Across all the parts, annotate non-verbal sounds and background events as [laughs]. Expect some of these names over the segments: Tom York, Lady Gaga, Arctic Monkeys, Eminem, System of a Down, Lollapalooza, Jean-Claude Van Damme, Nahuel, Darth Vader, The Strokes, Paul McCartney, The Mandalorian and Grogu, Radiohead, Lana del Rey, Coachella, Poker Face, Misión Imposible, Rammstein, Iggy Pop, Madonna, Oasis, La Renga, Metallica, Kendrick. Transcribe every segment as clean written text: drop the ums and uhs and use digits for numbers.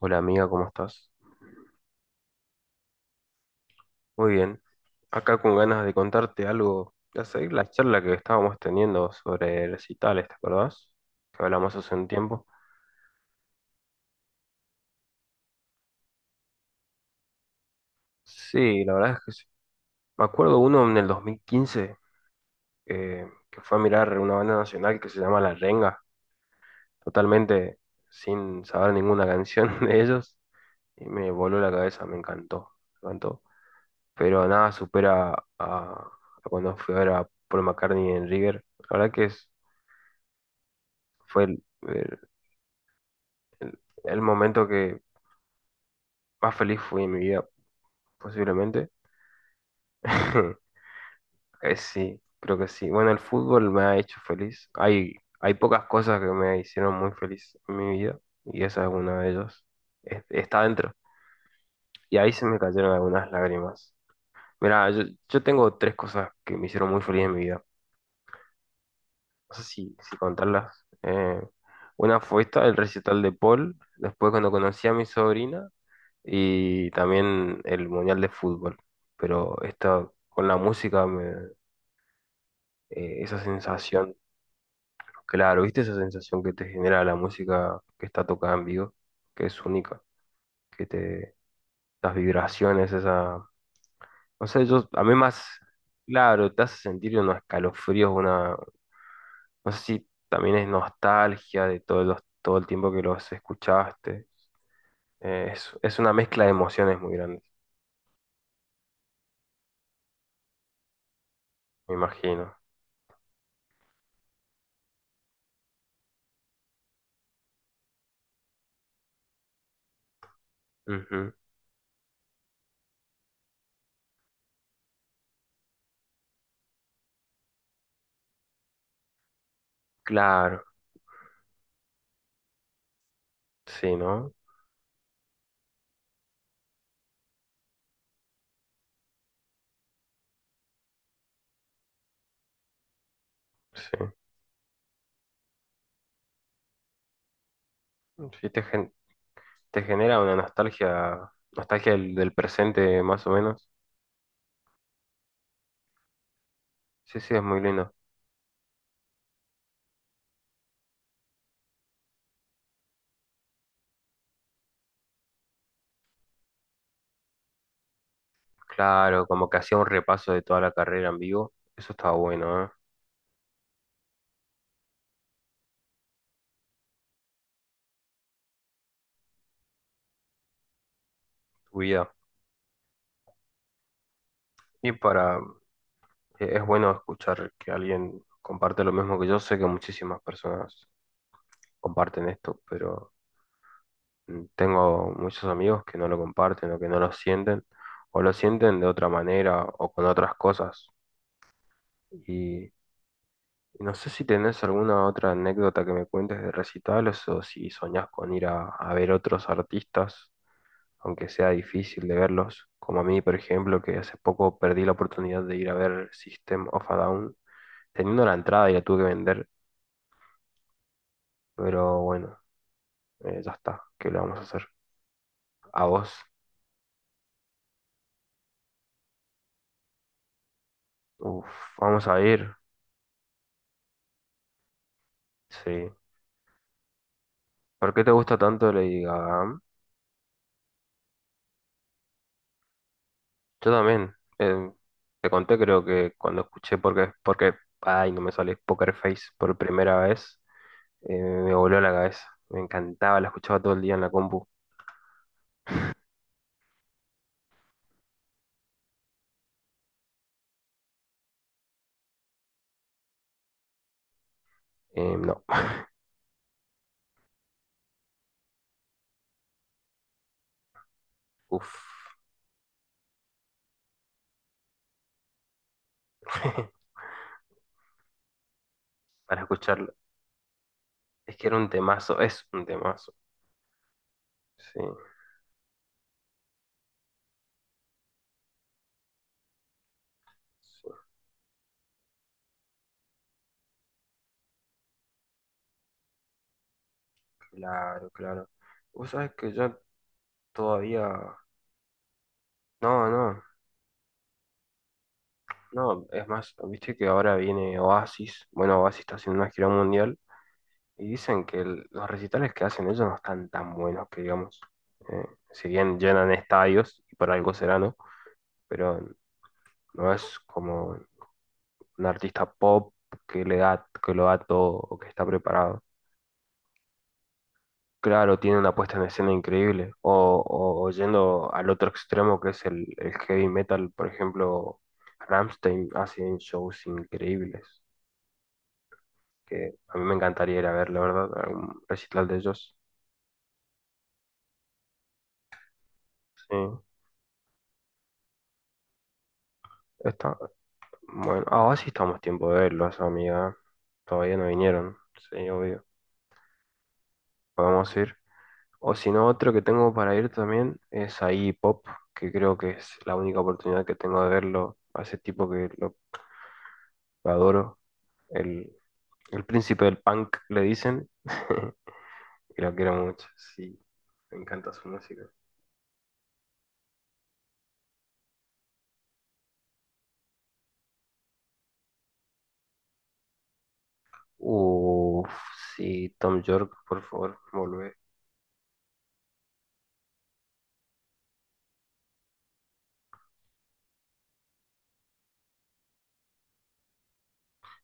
Hola amiga, ¿cómo estás? Muy bien. Acá con ganas de contarte algo, de seguir la charla que estábamos teniendo sobre recitales, ¿te acordás? Que hablamos hace un tiempo. Sí, la verdad es que sí. Me acuerdo uno en el 2015, que fue a mirar una banda nacional que se llama La Renga, totalmente sin saber ninguna canción [laughs] de ellos, y me voló la cabeza, me encantó, me encantó. Pero nada supera a cuando fui a ver a Paul McCartney en River. La verdad que es- fue el- el- el, el momento que más feliz fui en mi vida, posiblemente. [laughs] Sí, creo que sí. Bueno, el fútbol me ha hecho feliz. Hay pocas cosas que me hicieron muy feliz en mi vida y esa es una de ellas. Está dentro. Y ahí se me cayeron algunas lágrimas. Mira, yo tengo tres cosas que me hicieron muy feliz en mi vida. No sé si contarlas. Una fue esta, el recital de Paul. Después cuando conocí a mi sobrina y también el Mundial de Fútbol. Pero esto con esa sensación, claro, ¿viste esa sensación que te genera la música que está tocada en vivo? Que es única, que te, las vibraciones, no sé, yo, a mí más, claro, te hace sentir unos escalofríos, no sé si también es nostalgia de todo el tiempo que los escuchaste. Es una mezcla de emociones muy grandes, me imagino. Ujú, claro, sí, ¿no? Sí, sí te, gen- te genera una nostalgia, nostalgia del presente más o menos. Sí, sí, es muy lindo. Claro, como que hacía un repaso de toda la carrera en vivo. Eso estaba bueno, ¿eh? Tu vida. Y para, es bueno escuchar que alguien comparte lo mismo que yo. Sé que muchísimas personas comparten esto, pero tengo muchos amigos que no lo comparten o que no lo sienten, o lo sienten de otra manera o con otras cosas. Y No sé si tenés alguna otra anécdota que me cuentes de recitales o si soñás con ir a ver otros artistas, aunque sea difícil de verlos, como a mí, por ejemplo, que hace poco perdí la oportunidad de ir a ver System of a Down, teniendo la entrada y la tuve que vender, pero bueno, ya está, ¿qué le vamos a hacer? ¿A vos? Uf, vamos a ir, sí. ¿Por qué te gusta tanto Lady Gaga? Yo también. eh, te conté, creo que cuando escuché ay, no me sale Poker Face por primera vez. Me voló la cabeza. Me encantaba, la escuchaba todo el día en la compu. No, uff, [laughs] para escucharlo. Es que era un temazo, es un temazo. Sí, sí, claro, claro. Vos sabés que yo todavía. No, no, no, es más, viste que ahora viene Oasis. Bueno, Oasis está haciendo una gira mundial. Y dicen que los recitales que hacen ellos no están tan buenos que digamos. Eh, si bien llenan estadios, y por algo será, ¿no? Pero no es como un artista pop que le da, que lo da todo o que está preparado. Claro, tiene una puesta en escena increíble. O yendo al otro extremo que es el heavy metal, por ejemplo, Rammstein hacen shows increíbles. Que a mí me encantaría ir a ver, la verdad, a un recital de ellos. Sí, está. Bueno, ahora sí estamos tiempo de verlos, amiga. Todavía no vinieron, sí, obvio. Podemos ir. O si no, otro que tengo para ir también es a Iggy Pop, que creo que es la única oportunidad que tengo de verlo a ese tipo que lo adoro. El, el príncipe del punk, le dicen. [laughs] Y lo quiero mucho, sí. Me encanta su música. Uff, sí, Tom York, por favor, volvé.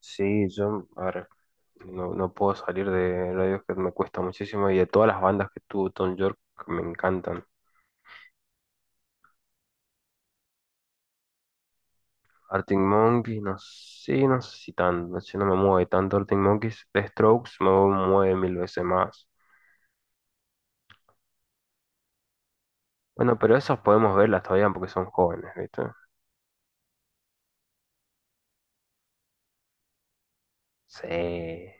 Sí, yo, a ver, no, no puedo salir de Radiohead, me cuesta muchísimo. Y de todas las bandas que tuvo Tom York, me encantan. Arctic Monkeys, no sé, no sé si tan, no sé, no me mueve tanto Arctic Monkeys. The Strokes me mueve mil veces más. Bueno, pero esas podemos verlas todavía porque son jóvenes, ¿viste? Sí.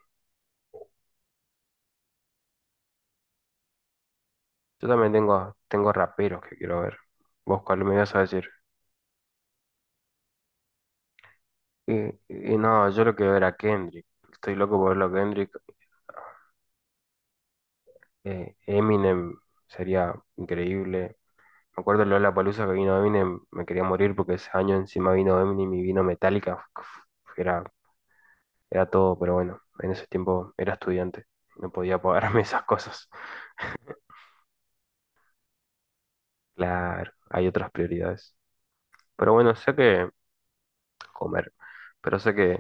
Yo también tengo raperos que quiero ver. ¿Vos cuál me ibas a decir? Y, y no, yo lo quiero ver a Kendrick. Estoy loco por verlo a Kendrick. Eminem sería increíble. Me acuerdo Lola Palusa que vino Eminem, me quería morir porque ese año encima vino Eminem y vino Metallica. [laughs] Era, era todo, pero bueno, en ese tiempo era estudiante. No podía pagarme [laughs] esas cosas. Claro, hay otras prioridades. Pero bueno, sé que comer, pero sé que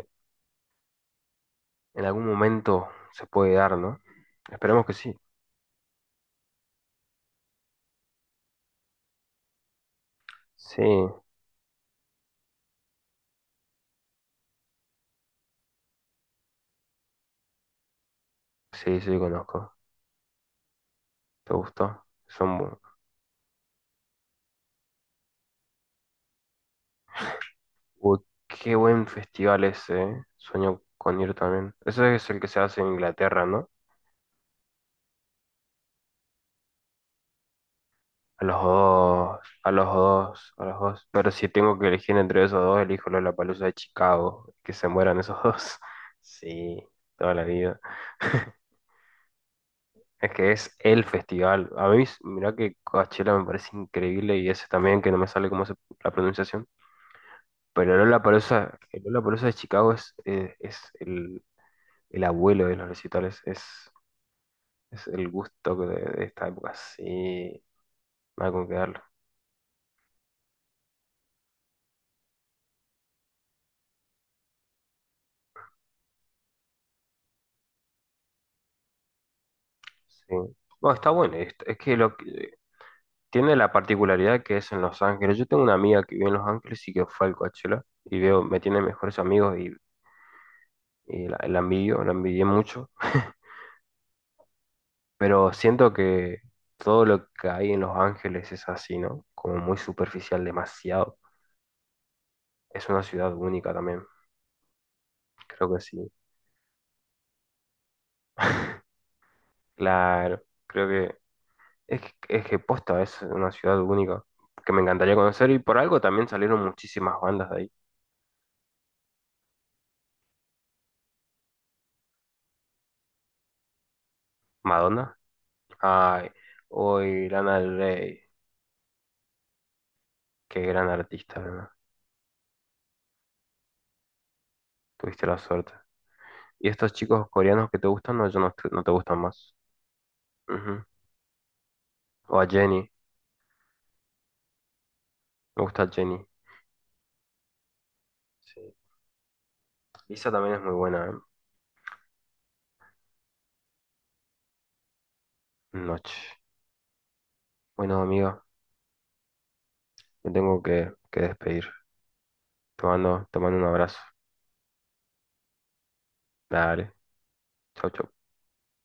en algún momento se puede dar, ¿no? Esperemos que sí. Sí, sí, sí, conozco. ¿Te gustó? Son... bu- Uy, qué buen festival ese, ¿eh? Sueño con ir también. Ese es el que se hace en Inglaterra, ¿no? A los dos, a los dos, a los dos. Pero si tengo que elegir entre esos dos, elijo Lollapalooza de Chicago. Que se mueran esos dos. [laughs] Sí, toda la vida. Es que es el festival. A mí, mirá que Coachella me parece increíble y ese también, que no me sale cómo se, la pronunciación. Pero Lollapalooza, el Lollapalooza de Chicago es el abuelo de los recitales. Es el gusto de esta época. Sí, nada con quedarlo. Sí. No, está bueno. Tiene la particularidad que es en Los Ángeles. Yo tengo una amiga que vive en Los Ángeles y que fue al Coachella y veo, me tiene mejores amigos y la envidio, la envidié mucho. Pero siento que todo lo que hay en Los Ángeles es así, ¿no? Como muy superficial, demasiado. Es una ciudad única también, creo que sí. Claro, creo que es que posta, es una ciudad única que me encantaría conocer y por algo también salieron muchísimas bandas de ahí. Madonna, ay, hoy Lana del Rey. Qué gran artista, ¿verdad? Tuviste la suerte. ¿Y estos chicos coreanos que te gustan o ya no, te no te gustan más? Ujú. O a Jenny. Me gusta Jenny. Sí. Lisa también es muy buena. ¿Eh? Noche. Bueno, amiga, me tengo que despedir. Te mando un abrazo. Dale. Chau, chau.